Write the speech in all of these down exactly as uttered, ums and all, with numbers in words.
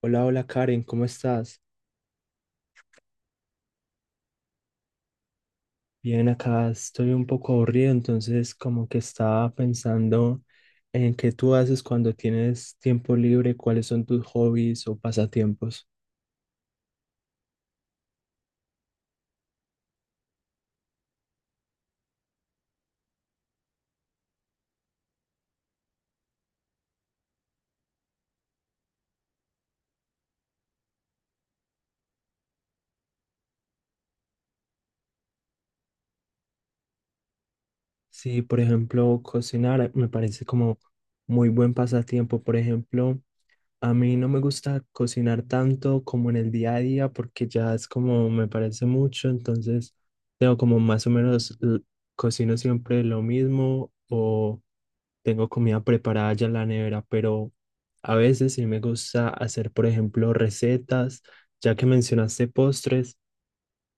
Hola, hola Karen, ¿cómo estás? Bien, acá estoy un poco aburrido, entonces como que estaba pensando en qué tú haces cuando tienes tiempo libre, cuáles son tus hobbies o pasatiempos. Sí, por ejemplo, cocinar me parece como muy buen pasatiempo. Por ejemplo, a mí no me gusta cocinar tanto como en el día a día porque ya es como me parece mucho, entonces tengo como más o menos l- cocino siempre lo mismo o tengo comida preparada ya en la nevera, pero a veces sí me gusta hacer, por ejemplo, recetas, ya que mencionaste postres,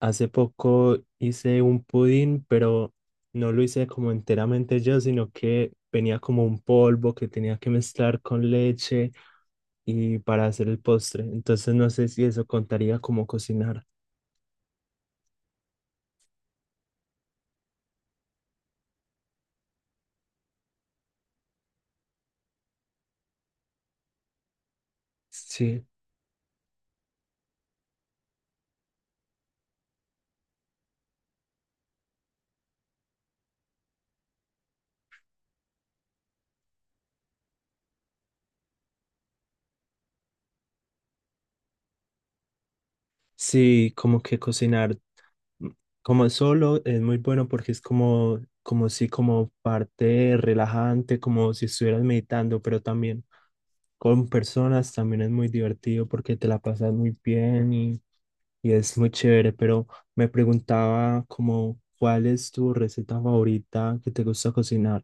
hace poco hice un pudín, pero no lo hice como enteramente yo, sino que venía como un polvo que tenía que mezclar con leche y para hacer el postre. Entonces no sé si eso contaría como cocinar. Sí. Sí, como que cocinar mm, como solo es muy bueno porque es como, como si como parte relajante, como si estuvieras meditando, pero también con personas también es muy divertido porque te la pasas muy bien y, y es muy chévere, pero me preguntaba como cuál es tu receta favorita que te gusta cocinar.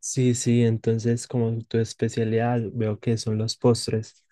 Sí, sí, entonces como tu especialidad veo que son los postres.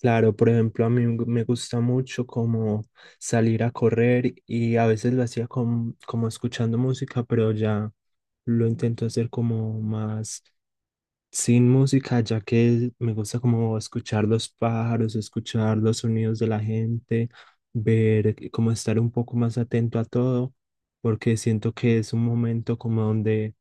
Claro, por ejemplo, a mí me me gusta mucho como salir a correr y a veces lo hacía con- como escuchando música, pero ya lo intento hacer como más sin música, ya que me gusta como escuchar los pájaros, escuchar los sonidos de la gente, ver, como estar un poco más atento a todo, porque siento que es un momento como donde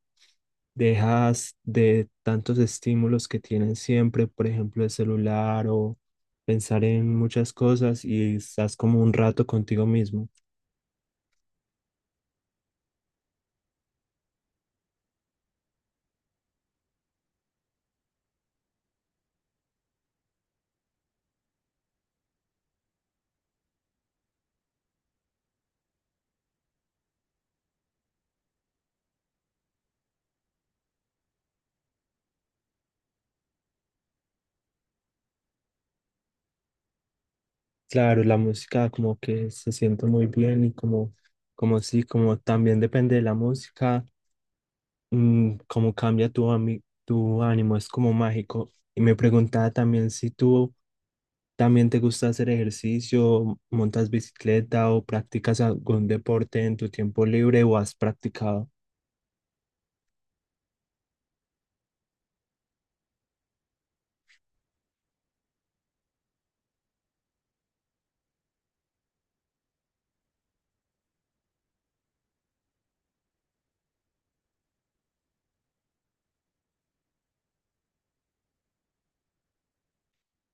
dejas de tantos estímulos que tienen siempre, por ejemplo, el celular o pensar en muchas cosas y estás como un rato contigo mismo. Claro, la música como que se siente muy bien y como, como sí, como también depende de la música. Mm, cómo cambia tu, ami- tu ánimo, es como mágico. Y me preguntaba también si tú también te gusta hacer ejercicio, montas bicicleta o practicas algún deporte en tu tiempo libre o has practicado.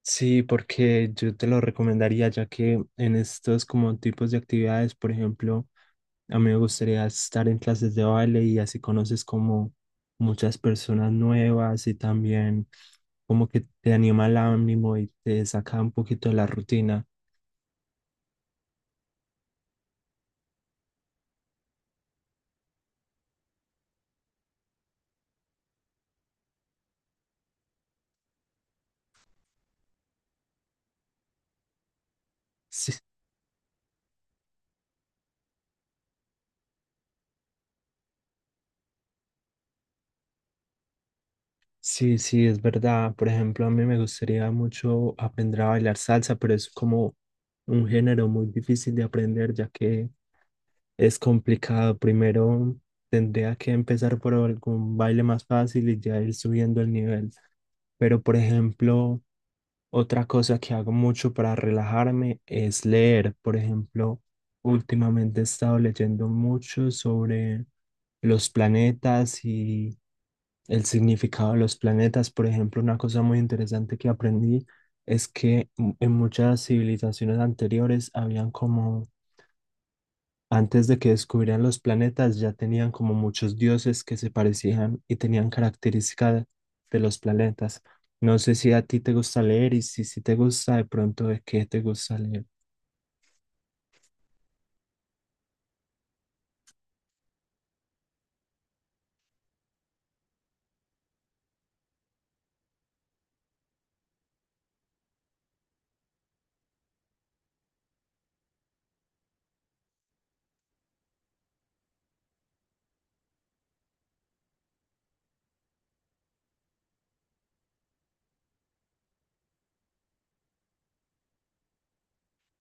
Sí, porque yo te lo recomendaría ya que en estos como tipos de actividades, por ejemplo, a mí me gustaría estar en clases de baile y así conoces como muchas personas nuevas y también como que te anima el ánimo y te saca un poquito de la rutina. Sí, sí, sí, es verdad. Por ejemplo, a mí me gustaría mucho aprender a bailar salsa, pero es como un género muy difícil de aprender ya que es complicado. Primero tendría que empezar por algún baile más fácil y ya ir subiendo el nivel. Pero, por ejemplo, otra cosa que hago mucho para relajarme es leer. Por ejemplo, últimamente he estado leyendo mucho sobre los planetas y el significado de los planetas. Por ejemplo, una cosa muy interesante que aprendí es que en muchas civilizaciones anteriores habían como antes de que descubrieran los planetas, ya tenían como muchos dioses que se parecían y tenían características de los planetas. No sé si a ti te gusta leer y si, si te gusta, de pronto, ¿de qué te gusta leer?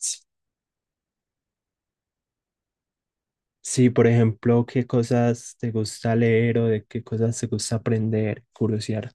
S- Sí, por ejemplo, ¿qué cosas te gusta leer o de qué cosas te gusta aprender, curiosear?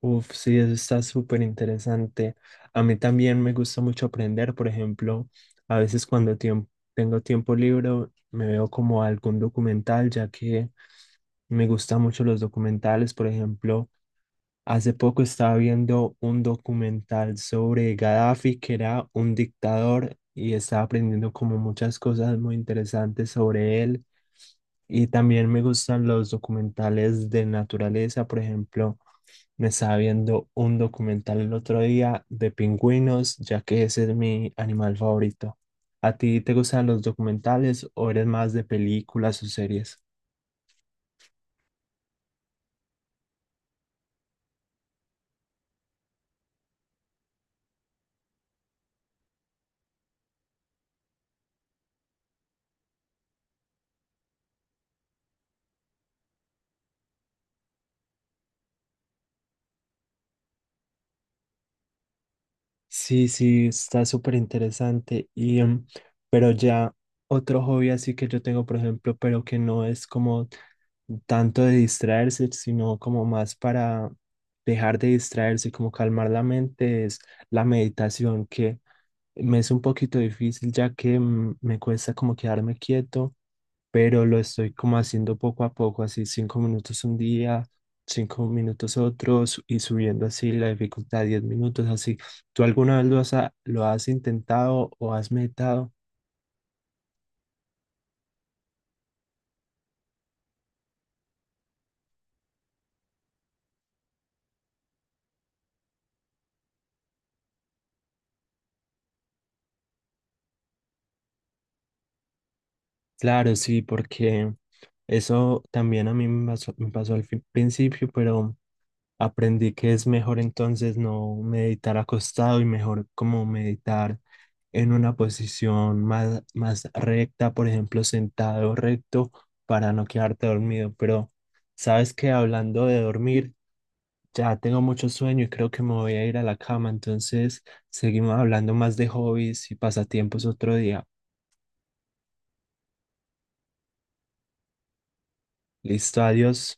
Uf, sí, eso está súper interesante. A mí también me gusta mucho aprender, por ejemplo, a veces cuando tiemp- tengo tiempo libre me veo como algún documental, ya que me gustan mucho los documentales. Por ejemplo, hace poco estaba viendo un documental sobre Gaddafi, que era un dictador, y estaba aprendiendo como muchas cosas muy interesantes sobre él. Y también me gustan los documentales de naturaleza, por ejemplo. Me estaba viendo un documental el otro día de pingüinos, ya que ese es mi animal favorito. ¿A ti te gustan los documentales o eres más de películas o series? Sí, sí, está súper interesante. Y, em, pero ya otro hobby así que yo tengo, por ejemplo, pero que no es como tanto de distraerse, sino como más para dejar de distraerse, como calmar la mente, es la meditación, que me es un poquito difícil ya que mm, me cuesta como quedarme quieto, pero lo estoy como haciendo poco a poco, así cinco minutos un día, cinco minutos otros y subiendo así la dificultad, diez minutos así. ¿Tú alguna vez lo has, a- lo has intentado o has meditado? Claro, sí, porque eso también a mí me pasó, me pasó al fin- principio, pero aprendí que es mejor entonces no meditar acostado y mejor como meditar en una posición más, más recta, por ejemplo, sentado recto para no quedarte dormido. Pero sabes que hablando de dormir, ya tengo mucho sueño y creo que me voy a ir a la cama. Entonces, seguimos hablando más de hobbies y pasatiempos otro día. Listo, adiós.